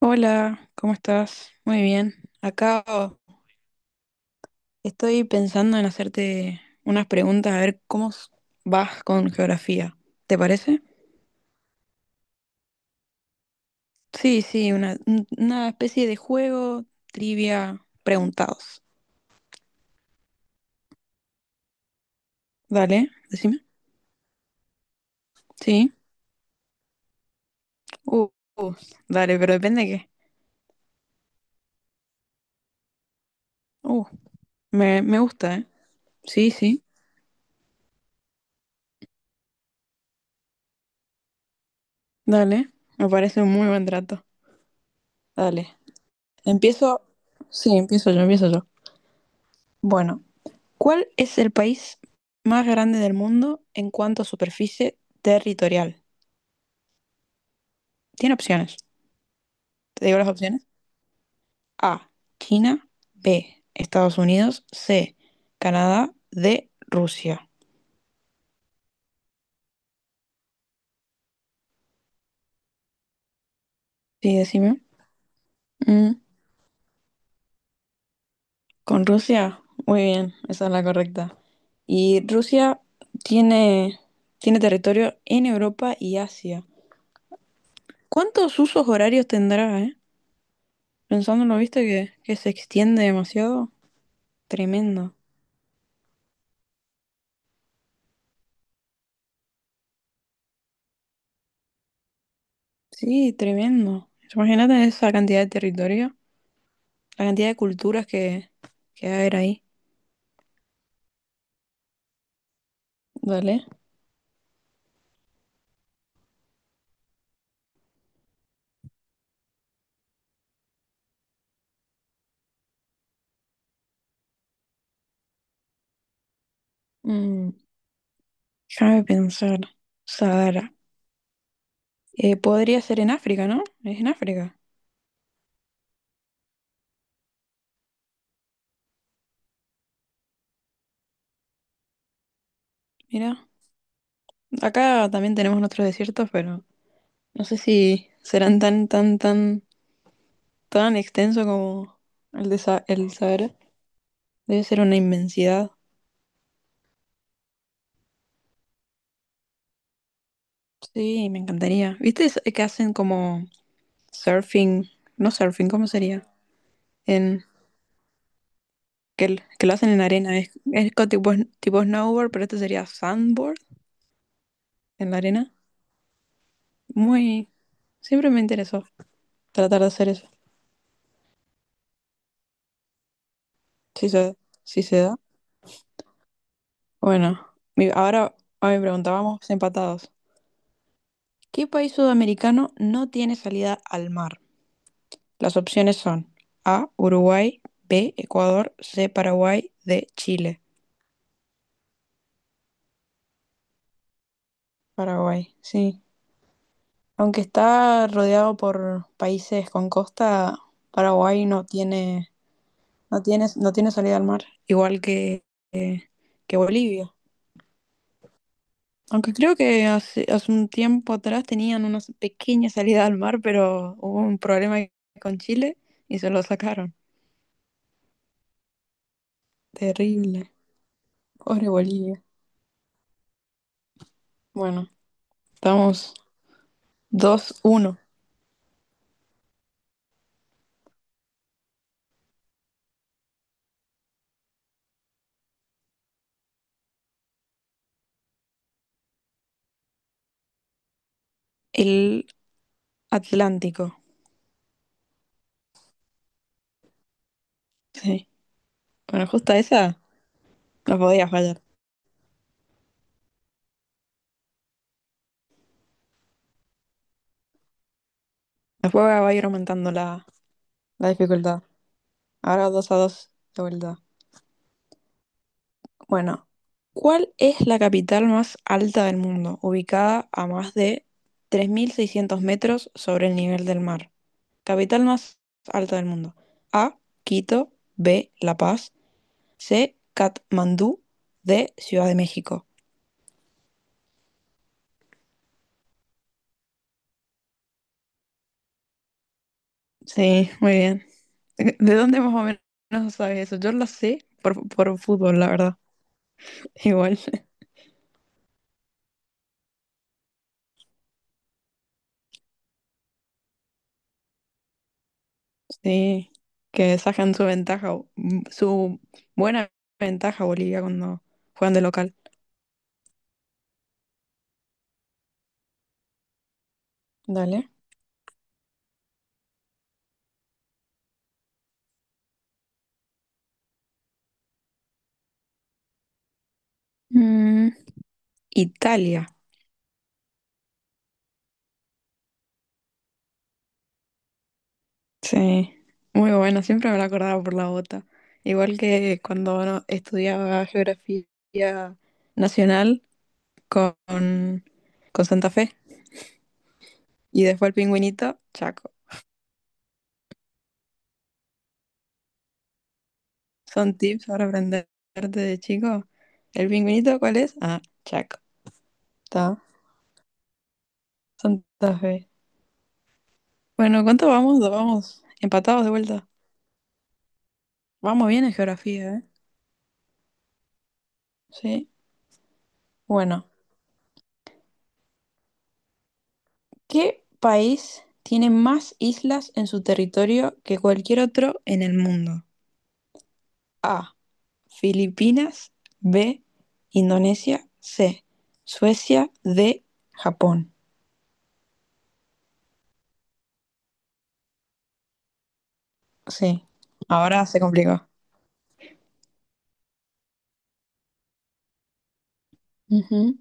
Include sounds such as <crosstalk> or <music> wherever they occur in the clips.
Hola, ¿cómo estás? Muy bien. Acá estoy pensando en hacerte unas preguntas a ver cómo vas con geografía. ¿Te parece? Sí, sí, una especie de juego, trivia, preguntados. Dale, decime. Sí. Uh, uh, dale, pero depende de qué. Uh, me gusta, ¿eh? Sí, sí. Dale, me parece un muy buen trato. Dale. Empiezo. Sí, empiezo yo, empiezo yo. Bueno. ¿Cuál es el país más grande del mundo en cuanto a superficie territorial? Tiene opciones. ¿Te digo las opciones? A, China, B, Estados Unidos, C, Canadá, D, Rusia. Sí, decime. Mm, con Rusia, muy bien, esa es la correcta. Y Rusia tiene, tiene territorio en Europa y Asia. ¿Cuántos usos horarios tendrá, eh? Pensándolo, viste que se extiende demasiado. Tremendo. Sí, tremendo. Imagínate esa cantidad de territorio, la cantidad de culturas que va a haber ahí. Dale. Mm, déjame pensar. Sahara. Podría ser en África, ¿no? Es en África. Mira, acá también tenemos nuestros desiertos, pero no sé si serán tan, tan, tan, tan extenso como el Sahara. Debe ser una inmensidad. Sí, me encantaría. ¿Viste que hacen como surfing? No surfing, ¿cómo sería? En que lo hacen en arena. Es tipo snowboard, pero este sería sandboard en la arena. Muy. Siempre me interesó tratar de hacer eso. Si se, si se da. Bueno, ahora a mi pregunta, vamos empatados. ¿Qué país sudamericano no tiene salida al mar? Las opciones son A, Uruguay, B, Ecuador, C, Paraguay, D, Chile. Paraguay, sí. Aunque está rodeado por países con costa, Paraguay no tiene. No tiene salida al mar, igual que, que Bolivia. Aunque creo que hace un tiempo atrás tenían una pequeña salida al mar, pero hubo un problema con Chile y se lo sacaron. Terrible. Pobre Bolivia. Bueno, estamos 2-1. El Atlántico. Sí. Bueno, justo esa no podía fallar. Después va a ir aumentando la dificultad. Ahora 2-2 de vuelta. Bueno, ¿cuál es la capital más alta del mundo, ubicada a más de 3.600 metros sobre el nivel del mar? Capital más alta del mundo. A, Quito, B, La Paz, C, Katmandú, D, Ciudad de México. Sí, muy bien. ¿De dónde más o menos sabes eso? Yo lo sé por fútbol, la verdad. <laughs> Igual, sí, que sacan su ventaja, su buena ventaja Bolivia cuando juegan de local. Dale. Mm, Italia, sí, muy bueno, siempre me lo acordaba por la bota. Igual que cuando estudiaba geografía nacional con, con Santa Fe y después el pingüinito, Chaco. Son tips para aprenderte de chico. ¿El pingüinito cuál es? Ah, Chaco. Está, Santa Fe. Bueno, ¿cuánto vamos? Vamos empatados de vuelta. Vamos bien en geografía, ¿eh? Sí. Bueno. ¿Qué país tiene más islas en su territorio que cualquier otro en el mundo? A. Filipinas. B. Indonesia. C. Suecia. D. Japón. Sí. Ahora se complicó. Ujú.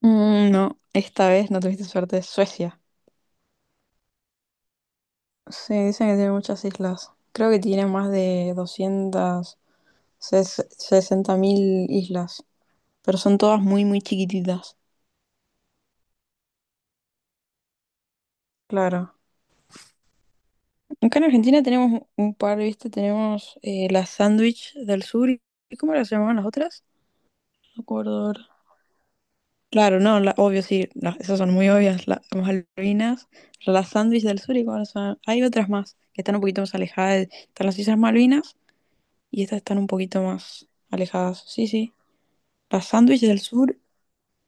Mm, no, esta vez no tuviste suerte. Suecia. Sí, dicen que tiene muchas islas. Creo que tiene más de 260.000 islas, pero son todas muy, muy chiquititas. Claro. Acá en Argentina tenemos un par, ¿viste? Tenemos la sándwich del sur. ¿Y cómo las llamaban las otras? No acuerdo ahora. Claro, no, obvio, sí. Esas son muy obvias, las Malvinas. La sándwich del sur y cómo las llamaban. Hay otras más que están un poquito más alejadas. Están las Islas Malvinas y estas están un poquito más alejadas. Sí, sí. La sándwich del sur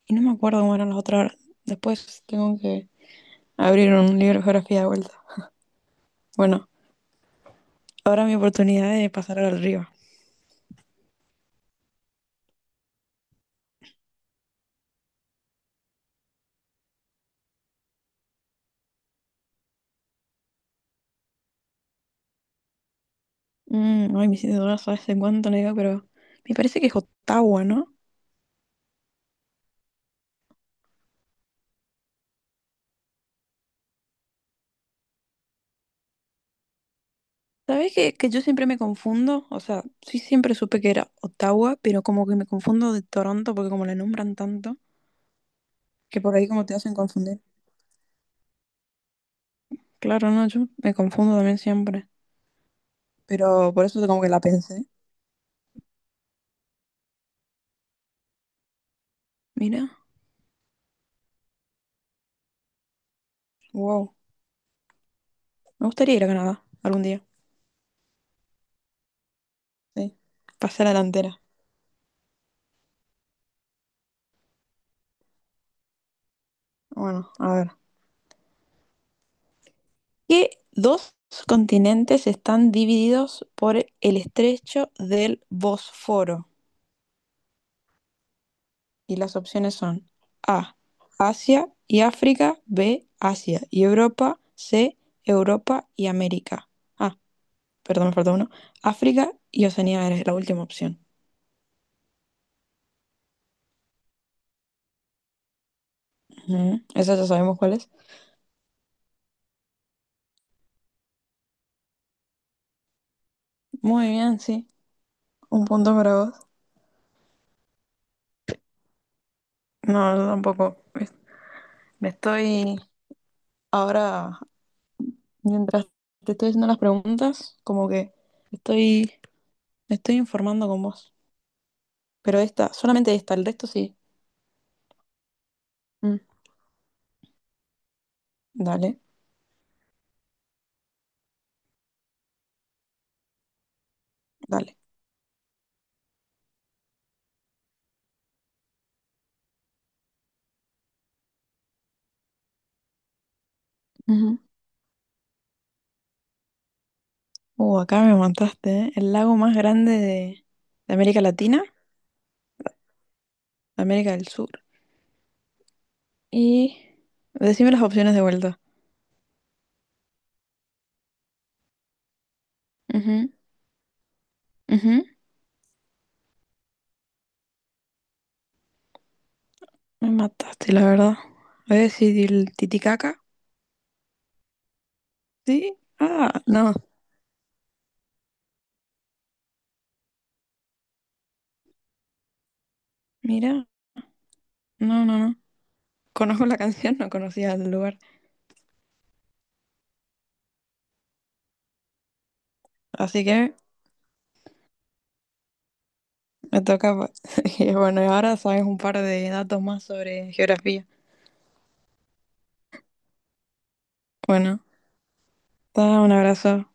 y no me acuerdo cómo eran las otras ahora. Después tengo que abrir un libro de geografía de vuelta. Bueno, ahora mi oportunidad de pasar al río. Mm, ay, me hiciste dudar, sabes en cuánto no digo, pero me parece que es Ottawa, ¿no? ¿Sabés que yo siempre me confundo? O sea, sí siempre supe que era Ottawa, pero como que me confundo de Toronto porque como la nombran tanto, que por ahí como te hacen confundir. Claro, no, yo me confundo también siempre, pero por eso como que la pensé. Mira, wow, me gustaría ir a Canadá algún día, sí, pasar a la delantera. Bueno, a ver. ¿Qué dos continentes están divididos por el estrecho del Bósforo? Y las opciones son A, Asia y África, B, Asia y Europa, C, Europa y América. Ah, perdón, me falta uno. África y Oceanía es la última opción. Ujú, esa ya sabemos cuál es. Muy bien, sí. Un punto para vos. No, yo tampoco. Me estoy ahora, mientras te estoy haciendo las preguntas, como que estoy, me estoy informando con vos. Pero esta, solamente esta, el resto sí. Mm, dale, dale. Ujú. Acá me montaste, ¿eh? El lago más grande de América Latina, de América del Sur. Y decime las opciones de vuelta. Ujú, ujú. Me mataste, la verdad. Voy a decir el Titicaca. ¿Sí? Ah, no. Mira, no, no, no. Conozco la <laughs> canción, no conocía el lugar. Así que me toca. <laughs> Y bueno, y ahora sabes un par de datos más sobre geografía. Bueno, da un abrazo.